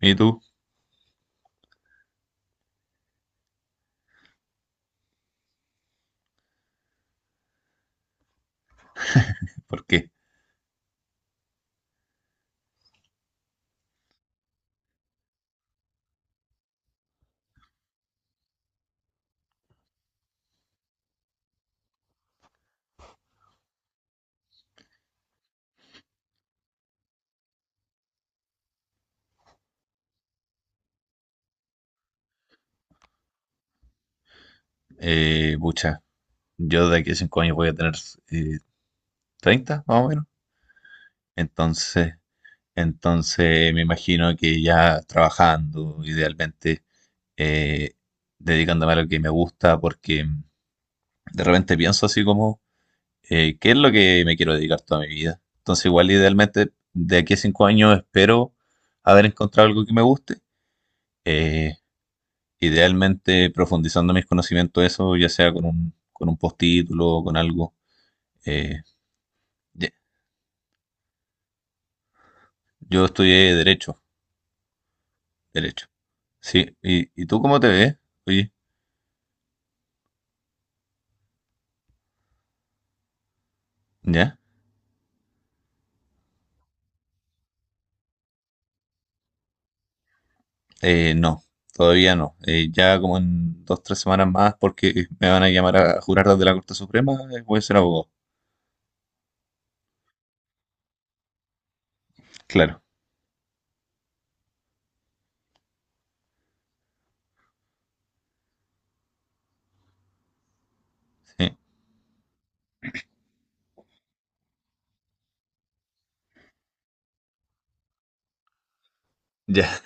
¿Y tú? ¿Por qué? Pucha, yo de aquí a cinco años voy a tener eh, 30, más o menos. Entonces, entonces, me imagino que ya trabajando, idealmente, eh, dedicándome a lo que me gusta, porque de repente pienso así como, ¿qué es lo que me quiero dedicar toda mi vida? Entonces, igual idealmente, de aquí a cinco años espero haber encontrado algo que me guste. Eh, idealmente profundizando mis conocimientos, eso, ya sea con un postítulo o con algo. Eh, ya. Yo estudié Derecho. Sí, ¿y tú cómo te ves? Oye, ¿ya? No, todavía no. Ya como en dos, tres semanas más, porque me van a llamar a jurar desde la Corte Suprema, voy a ser abogado. Claro, sí. Ya,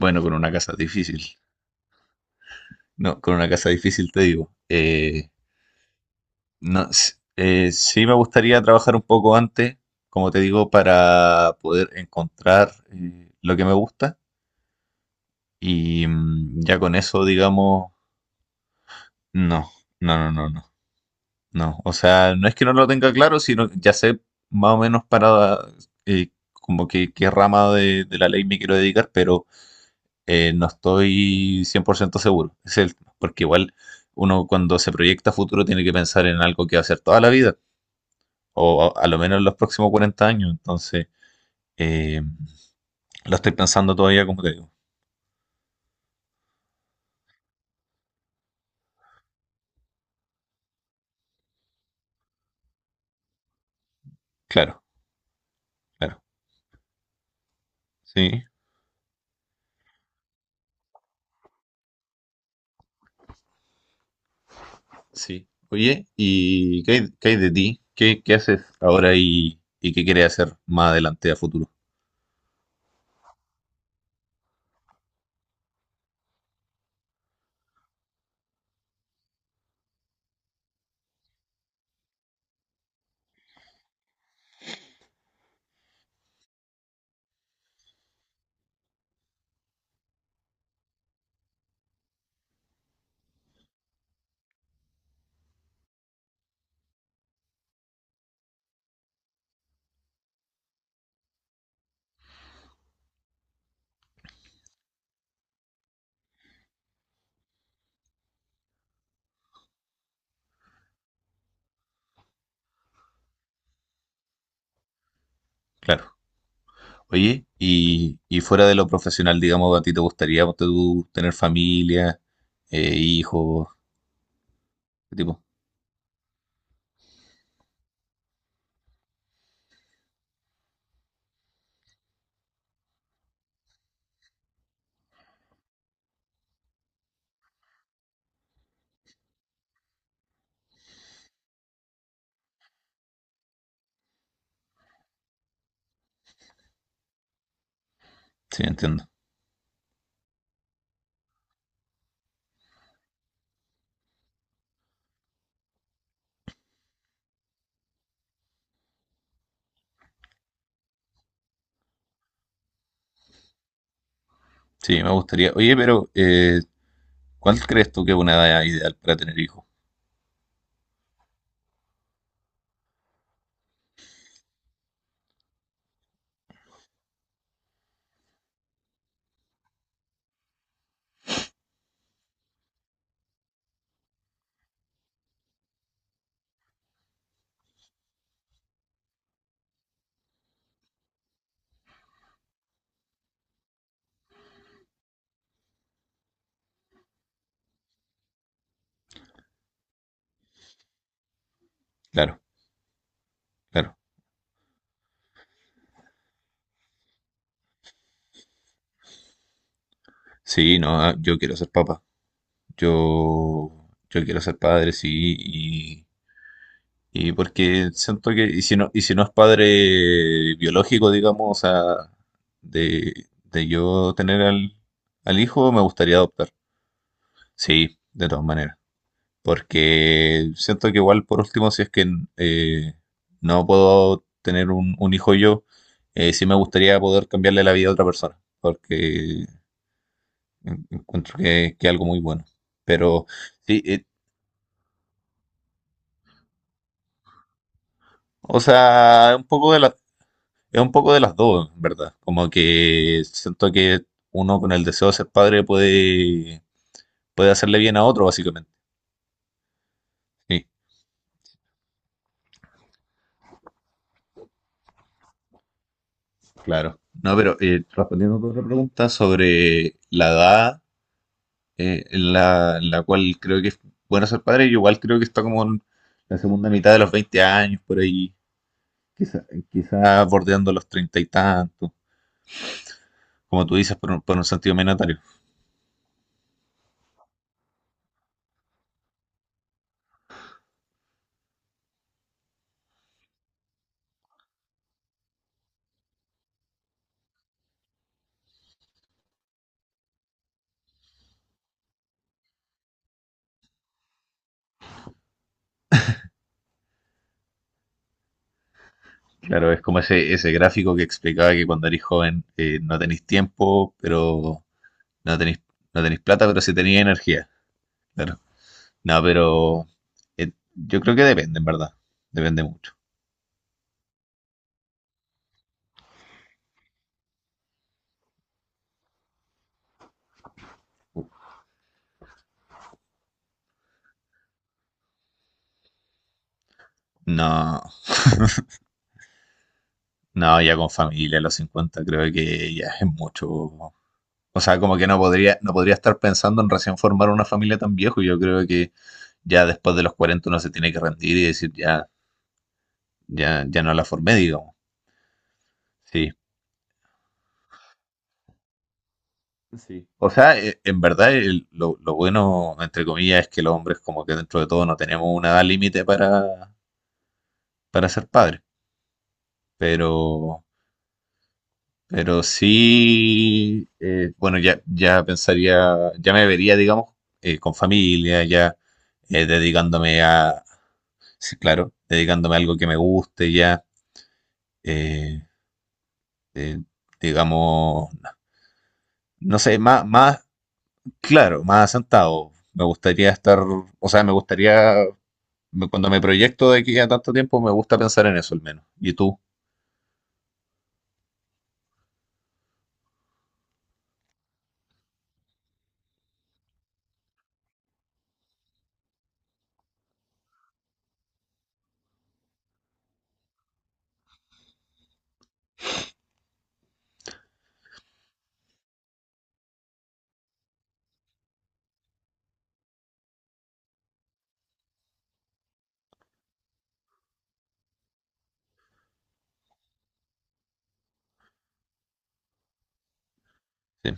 bueno, con una casa difícil. No, con una casa difícil te digo. No, s- sí me gustaría trabajar un poco antes, como te digo, para poder encontrar lo que me gusta y mm, ya con eso, digamos. No, no, no, no, no, no. O sea, no es que no lo tenga claro, sino que ya sé más o menos para como que qué rama de la ley me quiero dedicar, pero no estoy 100% seguro. Es el, porque igual uno cuando se proyecta a futuro tiene que pensar en algo que va a hacer toda la vida, o a lo menos en los próximos 40 años. Entonces, eh, lo estoy pensando todavía, como te digo. Claro, claro. Sí. Sí. Oye, ¿y qué hay de ti? ¿Qué, qué haces ahora y qué quieres hacer más adelante a futuro? Claro. Oye, y fuera de lo profesional, digamos, ¿a ti te gustaría ponte tú, tener familia, hijos, qué tipo? Sí, entiendo. Sí, me gustaría. Oye, pero ¿cuál crees tú que es una edad ideal para tener hijos? Claro, claro. Sí, no, ah, yo quiero ser papá. Yo quiero ser padre, sí. Y porque siento que, y si no es padre biológico, digamos, o sea, de, de yo tener al, al hijo, me gustaría adoptar. Sí, de todas maneras. Porque siento que igual, por último, si es que eh, no puedo tener un hijo yo, sí me gustaría poder cambiarle la vida a otra persona. Porque en- encuentro que es algo muy bueno. Pero sí, o sea, un poco de la. Es un poco de las dos, en ¿verdad? Como que siento que uno con el deseo de ser padre puede, puede hacerle bien a otro, básicamente. Sí, claro. No, pero respondiendo a tu otra pregunta sobre la edad en la cual creo que es bueno ser padre, yo igual creo que está como en la segunda mitad de los 20 años, por ahí, quizá, quizá bordeando los treinta y tantos, como tú dices, por un sentido menatario. Claro, es como ese gráfico que explicaba que cuando eres joven no tenés tiempo, pero no tenéis, no tenéis plata, pero sí tenéis energía. Claro. No, pero yo creo que depende, en verdad. Depende mucho. No, no, ya con familia a los 50 creo que ya es mucho. O sea, como que no podría, no podría estar pensando en recién formar una familia tan viejo. Yo creo que ya después de los 40 uno se tiene que rendir y decir, ya, ya, ya no la formé, digamos. Sí. Sí. O sea, en verdad el- lo bueno, entre comillas, es que los hombres como que dentro de todo no tenemos una edad límite para ser padres. Pero, pero sí, bueno, ya, ya pensaría, ya me vería, digamos, con familia, ya dedicándome a, sí, claro, dedicándome a algo que me guste, ya, eh, eh, digamos, no sé, más, más, claro, más asentado. Me gustaría estar, o sea, me gustaría, me- cuando me proyecto de aquí a tanto tiempo, me gusta pensar en eso al menos. ¿Y tú? Sí,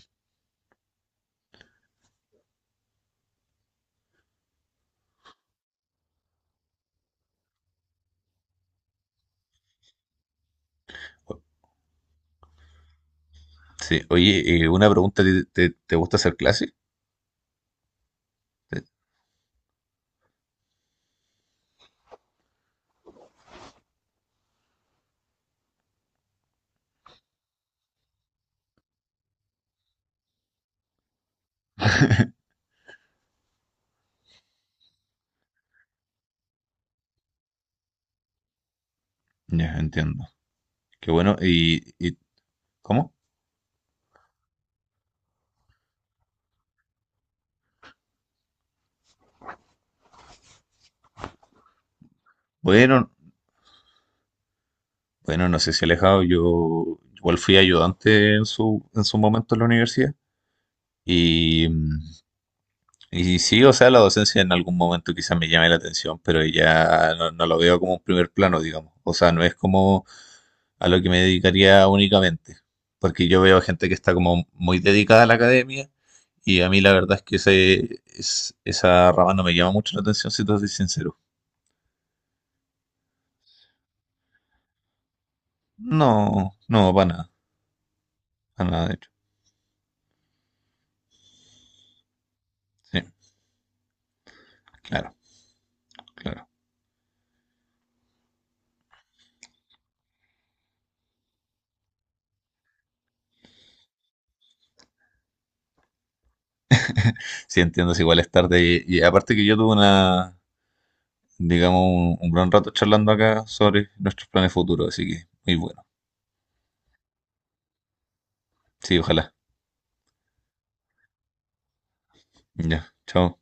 sí. Oye, una pregunta, ¿te, te, te gusta hacer clases? Ya, entiendo. Qué bueno. Y cómo? Bueno, bueno, no sé si alejado. Yo igual fui ayudante en su momento en la universidad. Y, mm, y sí, o sea, la docencia en algún momento quizás me llame la atención, pero ya no, no lo veo como un primer plano, digamos. O sea, no es como a lo que me dedicaría únicamente. Porque yo veo gente que está como muy dedicada a la academia. Y a mí la verdad es que ese, es- esa rama no me llama mucho la atención, si te soy sincero. No, no, para nada, de hecho. Sí, claro, claro. Sí, entiendo, es igual es tarde. Y aparte que yo tuve una, digamos, un gran rato charlando acá sobre nuestros planes futuros, así que muy bueno. Sí, ojalá. Ya, chao.